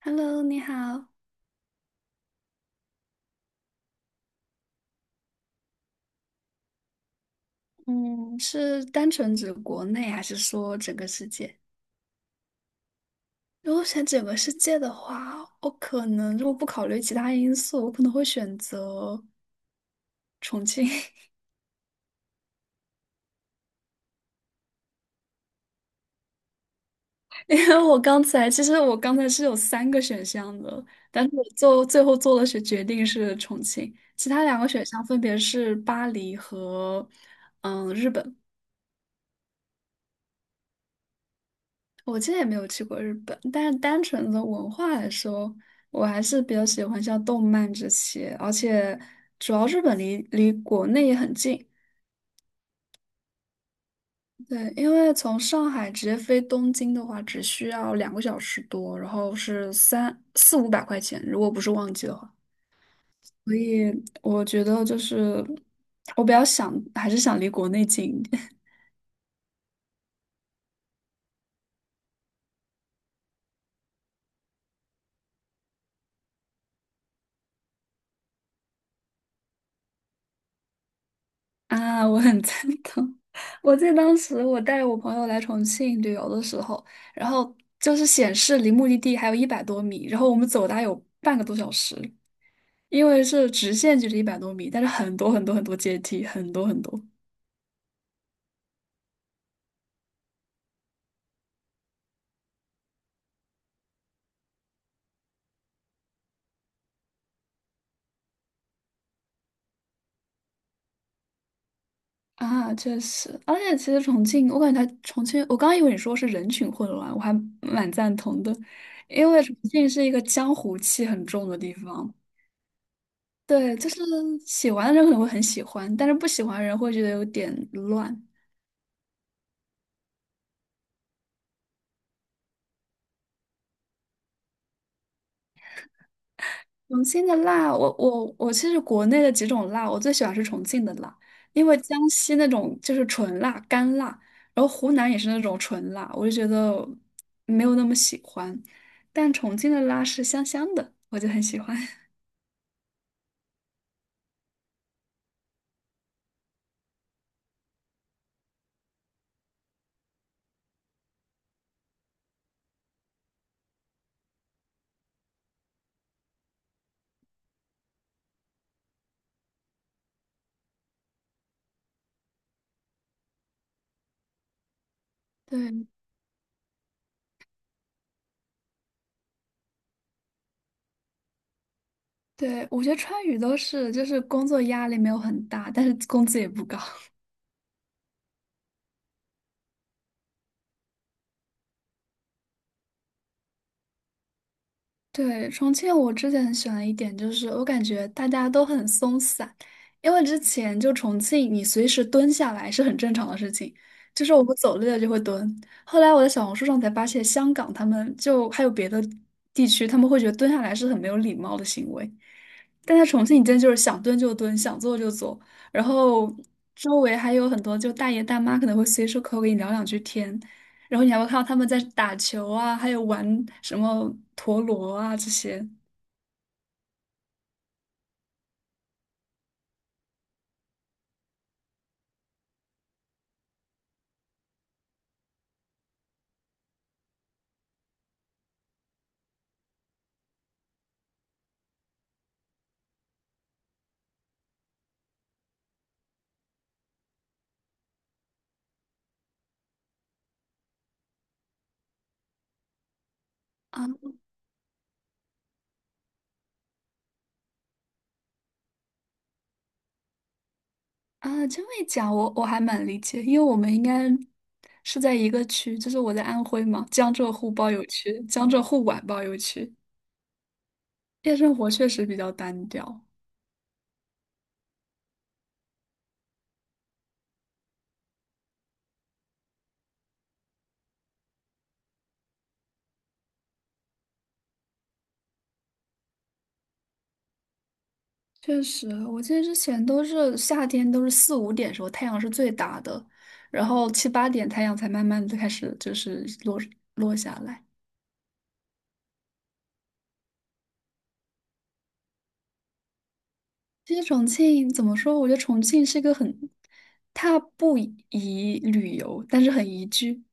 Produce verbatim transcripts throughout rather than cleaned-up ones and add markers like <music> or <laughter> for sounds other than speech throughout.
Hello，你好，嗯是单纯指国内还是说整个世界？如果选整个世界的话，我可能如果不考虑其他因素，我可能会选择重庆。<laughs> 因为我刚才其实我刚才是有三个选项的，但是我做最后做了是决定是重庆，其他两个选项分别是巴黎和嗯日本。我之前也没有去过日本，但是单纯的文化来说，我还是比较喜欢像动漫这些，而且主要日本离离国内也很近。对，因为从上海直接飞东京的话，只需要两个小时多，然后是三四五百块钱，如果不是旺季的话。所以我觉得就是我比较想，还是想离国内近一点。啊，我很赞同。我记得当时我带我朋友来重庆旅游的时候，然后就是显示离目的地还有一百多米，然后我们走大概有半个多小时，因为是直线距离一百多米，但是很多很多很多阶梯，很多很多啊，确实。而且其实重庆，我感觉它重庆，我刚刚以为你说是人群混乱，我还蛮赞同的，因为重庆是一个江湖气很重的地方。对，就是喜欢的人可能会很喜欢，但是不喜欢的人会觉得有点乱。重庆的辣，我我我其实国内的几种辣，我最喜欢是重庆的辣，因为江西那种就是纯辣、干辣，然后湖南也是那种纯辣，我就觉得没有那么喜欢。但重庆的辣是香香的，我就很喜欢。<laughs> 对对，我觉得川渝都是，就是工作压力没有很大，但是工资也不高。对，重庆我之前很喜欢的一点就是，我感觉大家都很松散，因为之前就重庆，你随时蹲下来是很正常的事情，就是我们走累了就会蹲。后来我在小红书上才发现，香港他们就还有别的地区，他们会觉得蹲下来是很没有礼貌的行为。但在重庆，你真就是想蹲就蹲，想坐就坐，然后周围还有很多就大爷大妈可能会随手可口跟你聊两句天，然后你还会看到他们在打球啊，还有玩什么陀螺啊这些啊啊，这么一讲我我还蛮理解，因为我们应该是在一个区，就是我在安徽嘛，江浙沪包邮区，江浙沪皖包邮区，夜生活确实比较单调。确实，我记得之前都是夏天，都是四五点时候太阳是最大的，然后七八点太阳才慢慢的开始就是落落下来。其实重庆怎么说？我觉得重庆是一个很，它不宜旅游，但是很宜居。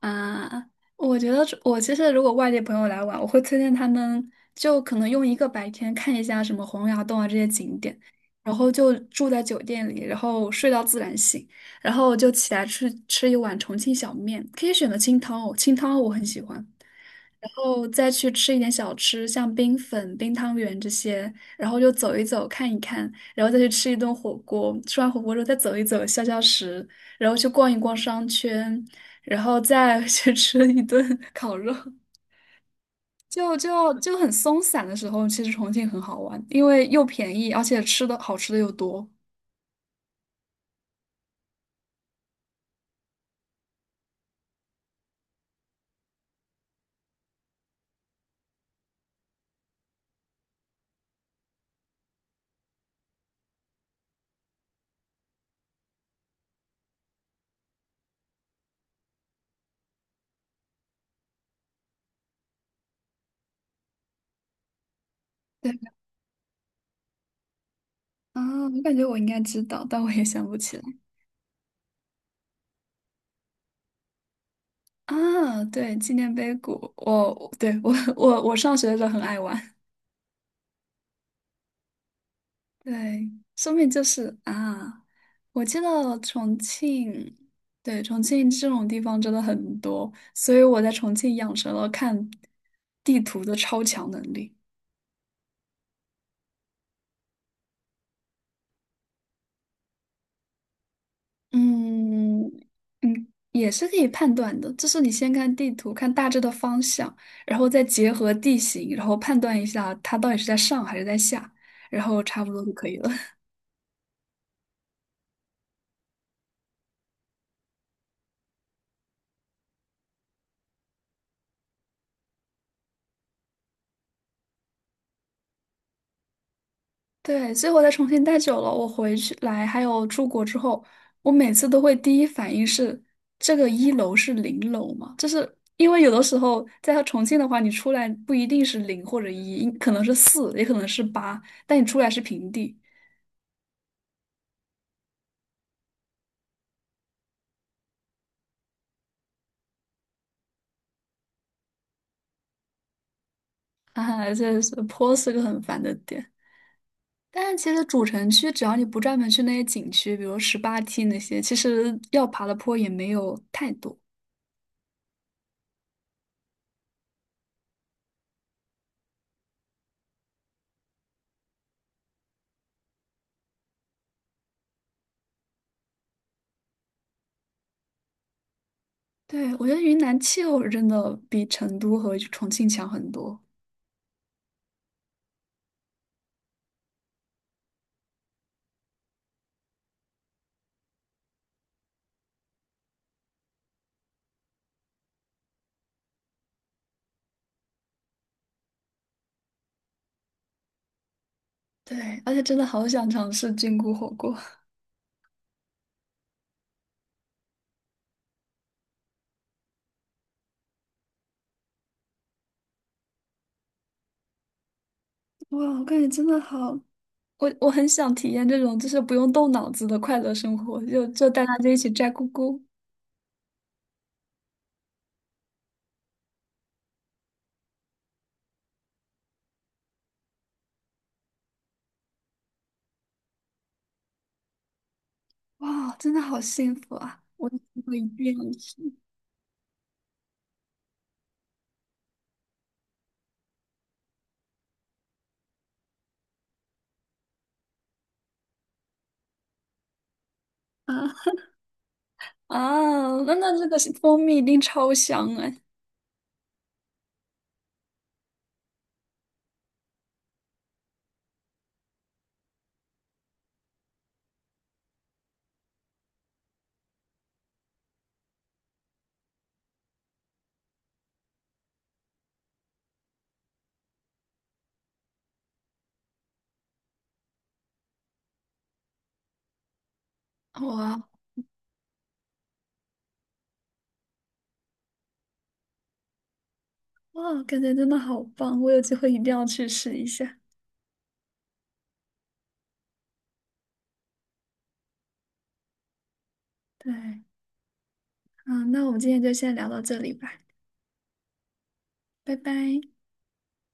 啊，我觉得这我其实如果外地朋友来玩，我会推荐他们就可能用一个白天看一下什么洪崖洞啊这些景点，然后就住在酒店里，然后睡到自然醒，然后就起来吃吃一碗重庆小面，可以选择清汤哦，清汤我很喜欢。然后再去吃一点小吃，像冰粉、冰汤圆这些，然后就走一走、看一看，然后再去吃一顿火锅。吃完火锅之后再走一走、消消食，然后去逛一逛商圈，然后再 <laughs> 去吃一顿烤肉。就就就很松散的时候，其实重庆很好玩，因为又便宜，而且吃的好吃的又多。对啊，我感觉我应该知道，但我也想不起来啊。对，纪念碑谷，我对我我我上学的时候很爱玩。对，说明就是啊，我记得重庆，对，重庆这种地方真的很多，所以我在重庆养成了看地图的超强能力。嗯嗯，也是可以判断的，就是你先看地图，看大致的方向，然后再结合地形，然后判断一下它到底是在上还是在下，然后差不多就可以了。对，最后在重庆待久了，我回去来还有出国之后，我每次都会第一反应是这个一楼是零楼嘛？就是因为有的时候在重庆的话，你出来不一定是零或者一，可能是四，也可能是八，但你出来是平地啊。<laughs> 这是坡是个很烦的点。但是其实主城区，只要你不专门去那些景区，比如十八梯那些，其实要爬的坡也没有太多。对，我觉得云南气候是真的比成都和重庆强很多。对，而且真的好想尝试菌菇火锅。哇，我感觉真的好，我我很想体验这种就是不用动脑子的快乐生活，就就带大家就一起摘菇菇。哇，真的好幸福啊！我我一定要吃啊啊！那那这个是蜂蜜一定超香哎！哇哇，感觉真的好棒！我有机会一定要去试一下。对，嗯，那我们今天就先聊到这里吧，拜拜。